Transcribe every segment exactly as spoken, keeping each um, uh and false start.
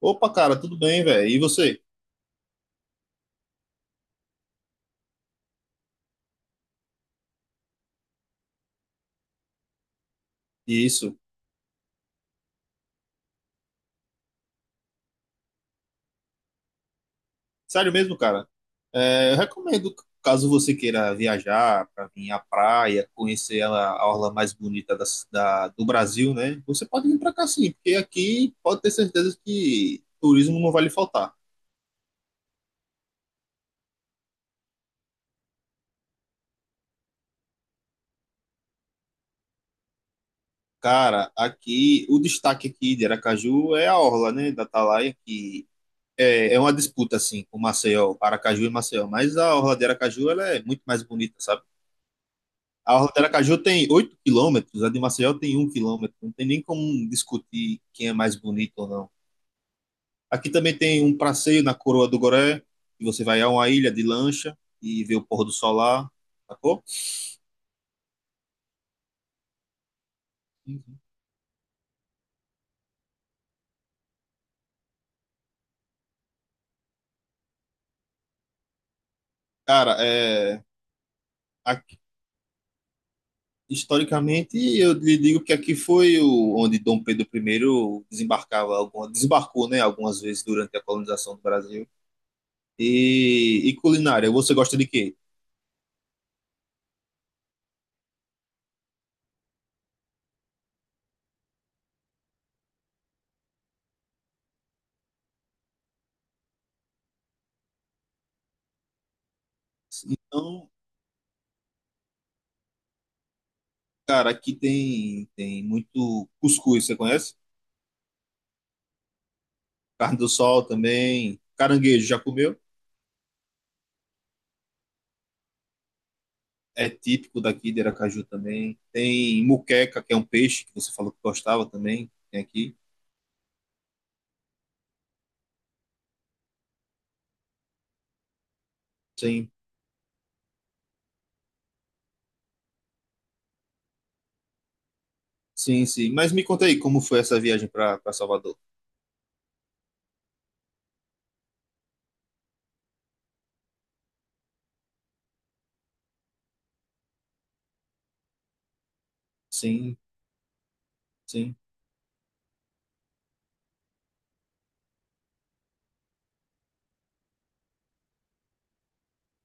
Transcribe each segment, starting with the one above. Opa, cara, tudo bem, velho? E você? Isso. Sério mesmo, cara? É, eu recomendo, caso você queira viajar para vir à praia, conhecer ela, a orla mais bonita da, da- do Brasil, né? Você pode vir para cá sim, porque aqui pode ter certeza que turismo não vai lhe faltar. Cara, aqui, o destaque aqui de Aracaju é a orla, né, da Atalaia, que é, é uma disputa, assim, com Maceió, Aracaju e Maceió, mas a orla de Aracaju, ela é muito mais bonita, sabe? A orla de Aracaju tem oito quilômetros, a de Maceió tem um quilômetro. Não tem nem como discutir quem é mais bonito ou não. Aqui também tem um passeio na Coroa do Goré, que você vai a uma ilha de lancha e vê o pôr do sol lá, sacou? Cara, é, aqui, historicamente, eu lhe digo que aqui foi o, onde Dom Pedro primeiro desembarcava, alguma, desembarcou, né, algumas vezes durante a colonização do Brasil. E, e culinária, você gosta de quê? Então, cara, aqui tem, tem muito cuscuz, você conhece? Carne do sol também. Caranguejo, já comeu? É típico daqui de Aracaju também. Tem muqueca, que é um peixe que você falou que gostava também. Tem aqui. Sim, sim, sim. Mas me conta aí como foi essa viagem para Salvador. Sim, sim.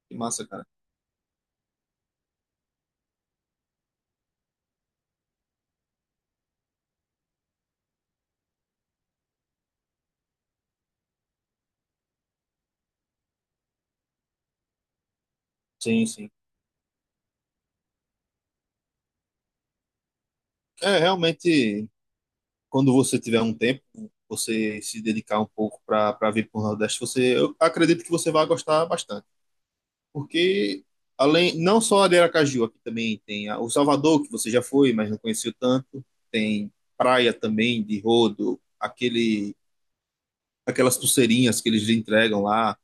Que massa, cara. Sim, sim. É, realmente, quando você tiver um tempo, você se dedicar um pouco para para vir para o Nordeste, você, eu acredito que você vai gostar bastante. Porque além não só a de Aracaju, aqui também tem a- o Salvador, que você já foi, mas não conheceu tanto, tem praia também de rodo, aquele aquelas pulseirinhas que eles entregam lá.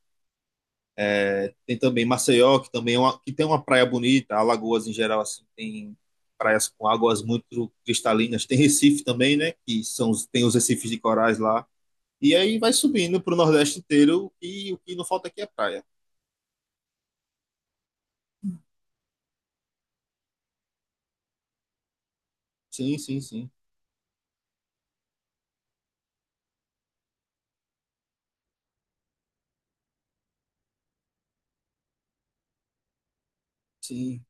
Tem também Maceió, que também é uma, que tem uma praia bonita, Alagoas em geral assim, tem praias com águas muito cristalinas. Tem Recife também, né, que são os- tem os recifes de corais lá. E aí vai subindo para o Nordeste inteiro e o que não falta aqui é praia. Sim, sim, sim. Sim,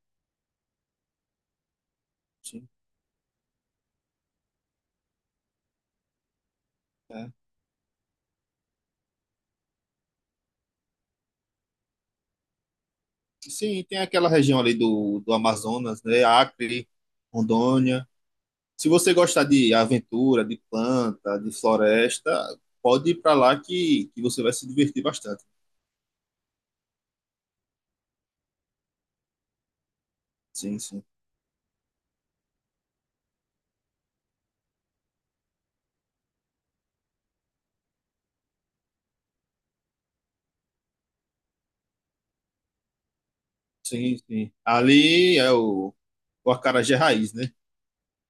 sim. É. Sim, tem aquela região ali do, do Amazonas, né? Acre, Rondônia. Se você gostar de aventura, de planta, de floresta, pode ir para lá que, que você vai se divertir bastante. Sim, sim. Sim, sim. Ali é o, o acarajé raiz, né?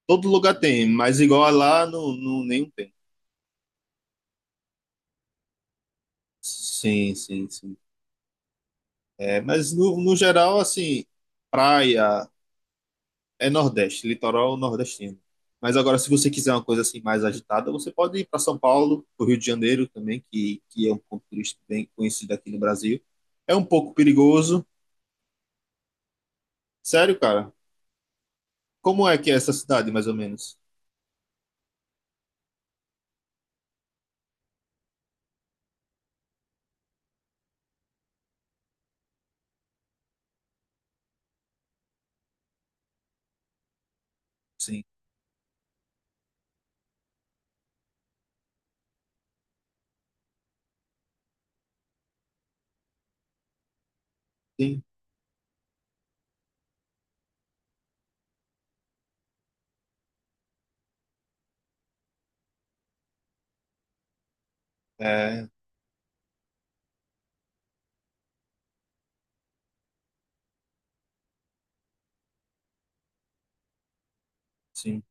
Todo lugar tem, mas igual a lá, não, não, nenhum tem. Sim, sim, sim. É, mas no, no geral, assim, praia, é Nordeste, litoral nordestino. Mas agora, se você quiser uma coisa assim mais agitada, você pode ir para São Paulo, para o Rio de Janeiro também, que, que é um ponto turístico bem conhecido aqui no Brasil. É um pouco perigoso. Sério, cara? Como é que é essa cidade, mais ou menos? Sim, sim, é, sim.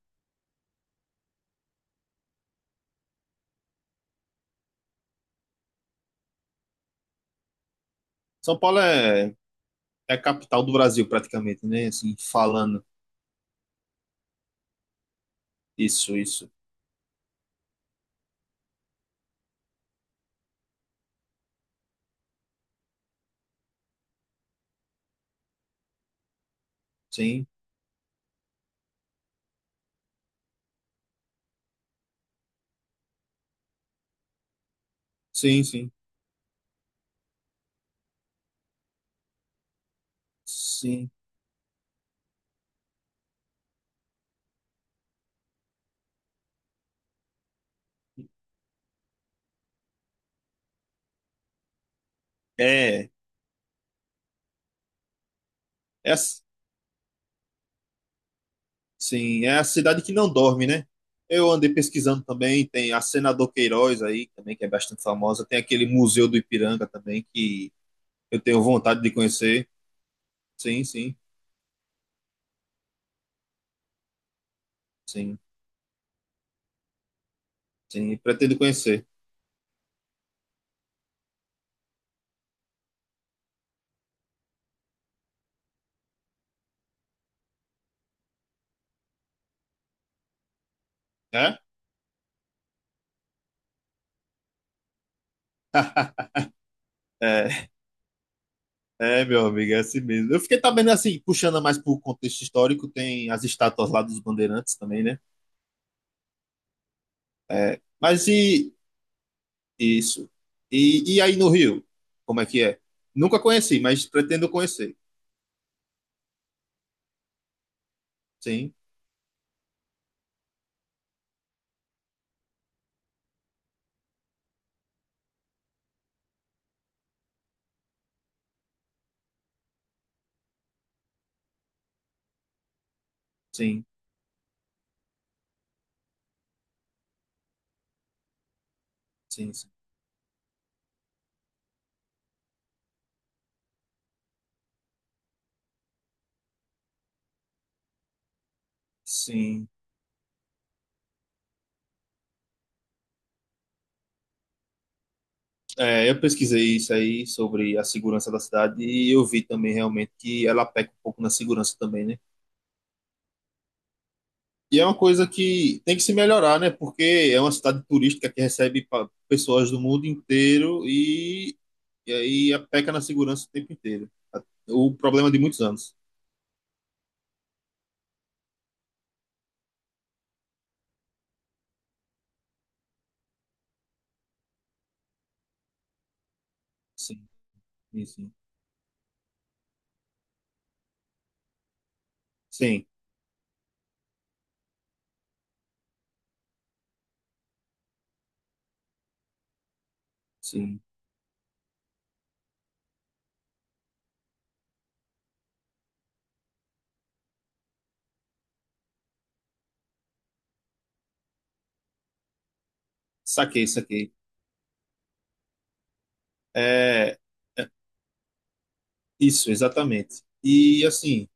São Paulo é, é a capital do Brasil, praticamente, né? Assim, falando isso, isso. Sim, sim, sim, sim. É, é, sim, é a cidade que não dorme, né? Eu andei pesquisando também, tem a Senador Queiroz aí também, que é bastante famosa. Tem aquele Museu do Ipiranga também, que eu tenho vontade de conhecer. Sim, sim, sim, sim, pretendo conhecer. É? É, é, meu amigo, é assim mesmo. Eu fiquei também assim, puxando mais pro contexto histórico, tem as estátuas lá dos bandeirantes também, né? É, mas e isso? E, e aí no Rio? Como é que é? Nunca conheci, mas pretendo conhecer. Sim, sim, sim, sim. Sim, é, eu pesquisei isso aí sobre a segurança da cidade e eu vi também realmente que ela peca um pouco na segurança também, né? E é uma coisa que tem que se melhorar, né? Porque é uma cidade turística que recebe pa- pessoas do mundo inteiro e, e aí a peca na segurança o tempo inteiro. O problema é de muitos anos. Sim, sim, sim. Sim, sim. Saquei, saquei. É, é, isso, exatamente. E assim.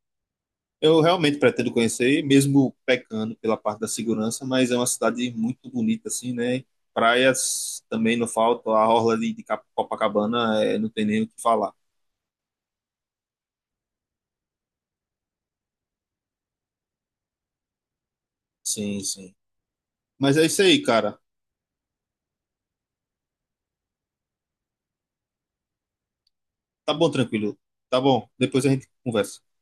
Eu realmente pretendo conhecer, mesmo pecando pela parte da segurança, mas é uma cidade muito bonita, assim, né? Praias também não faltam, a orla ali de Cap- Copacabana é, não tem nem o que falar. Sim, sim. Mas é isso aí, cara. Tá bom, tranquilo. Tá bom, depois a gente conversa.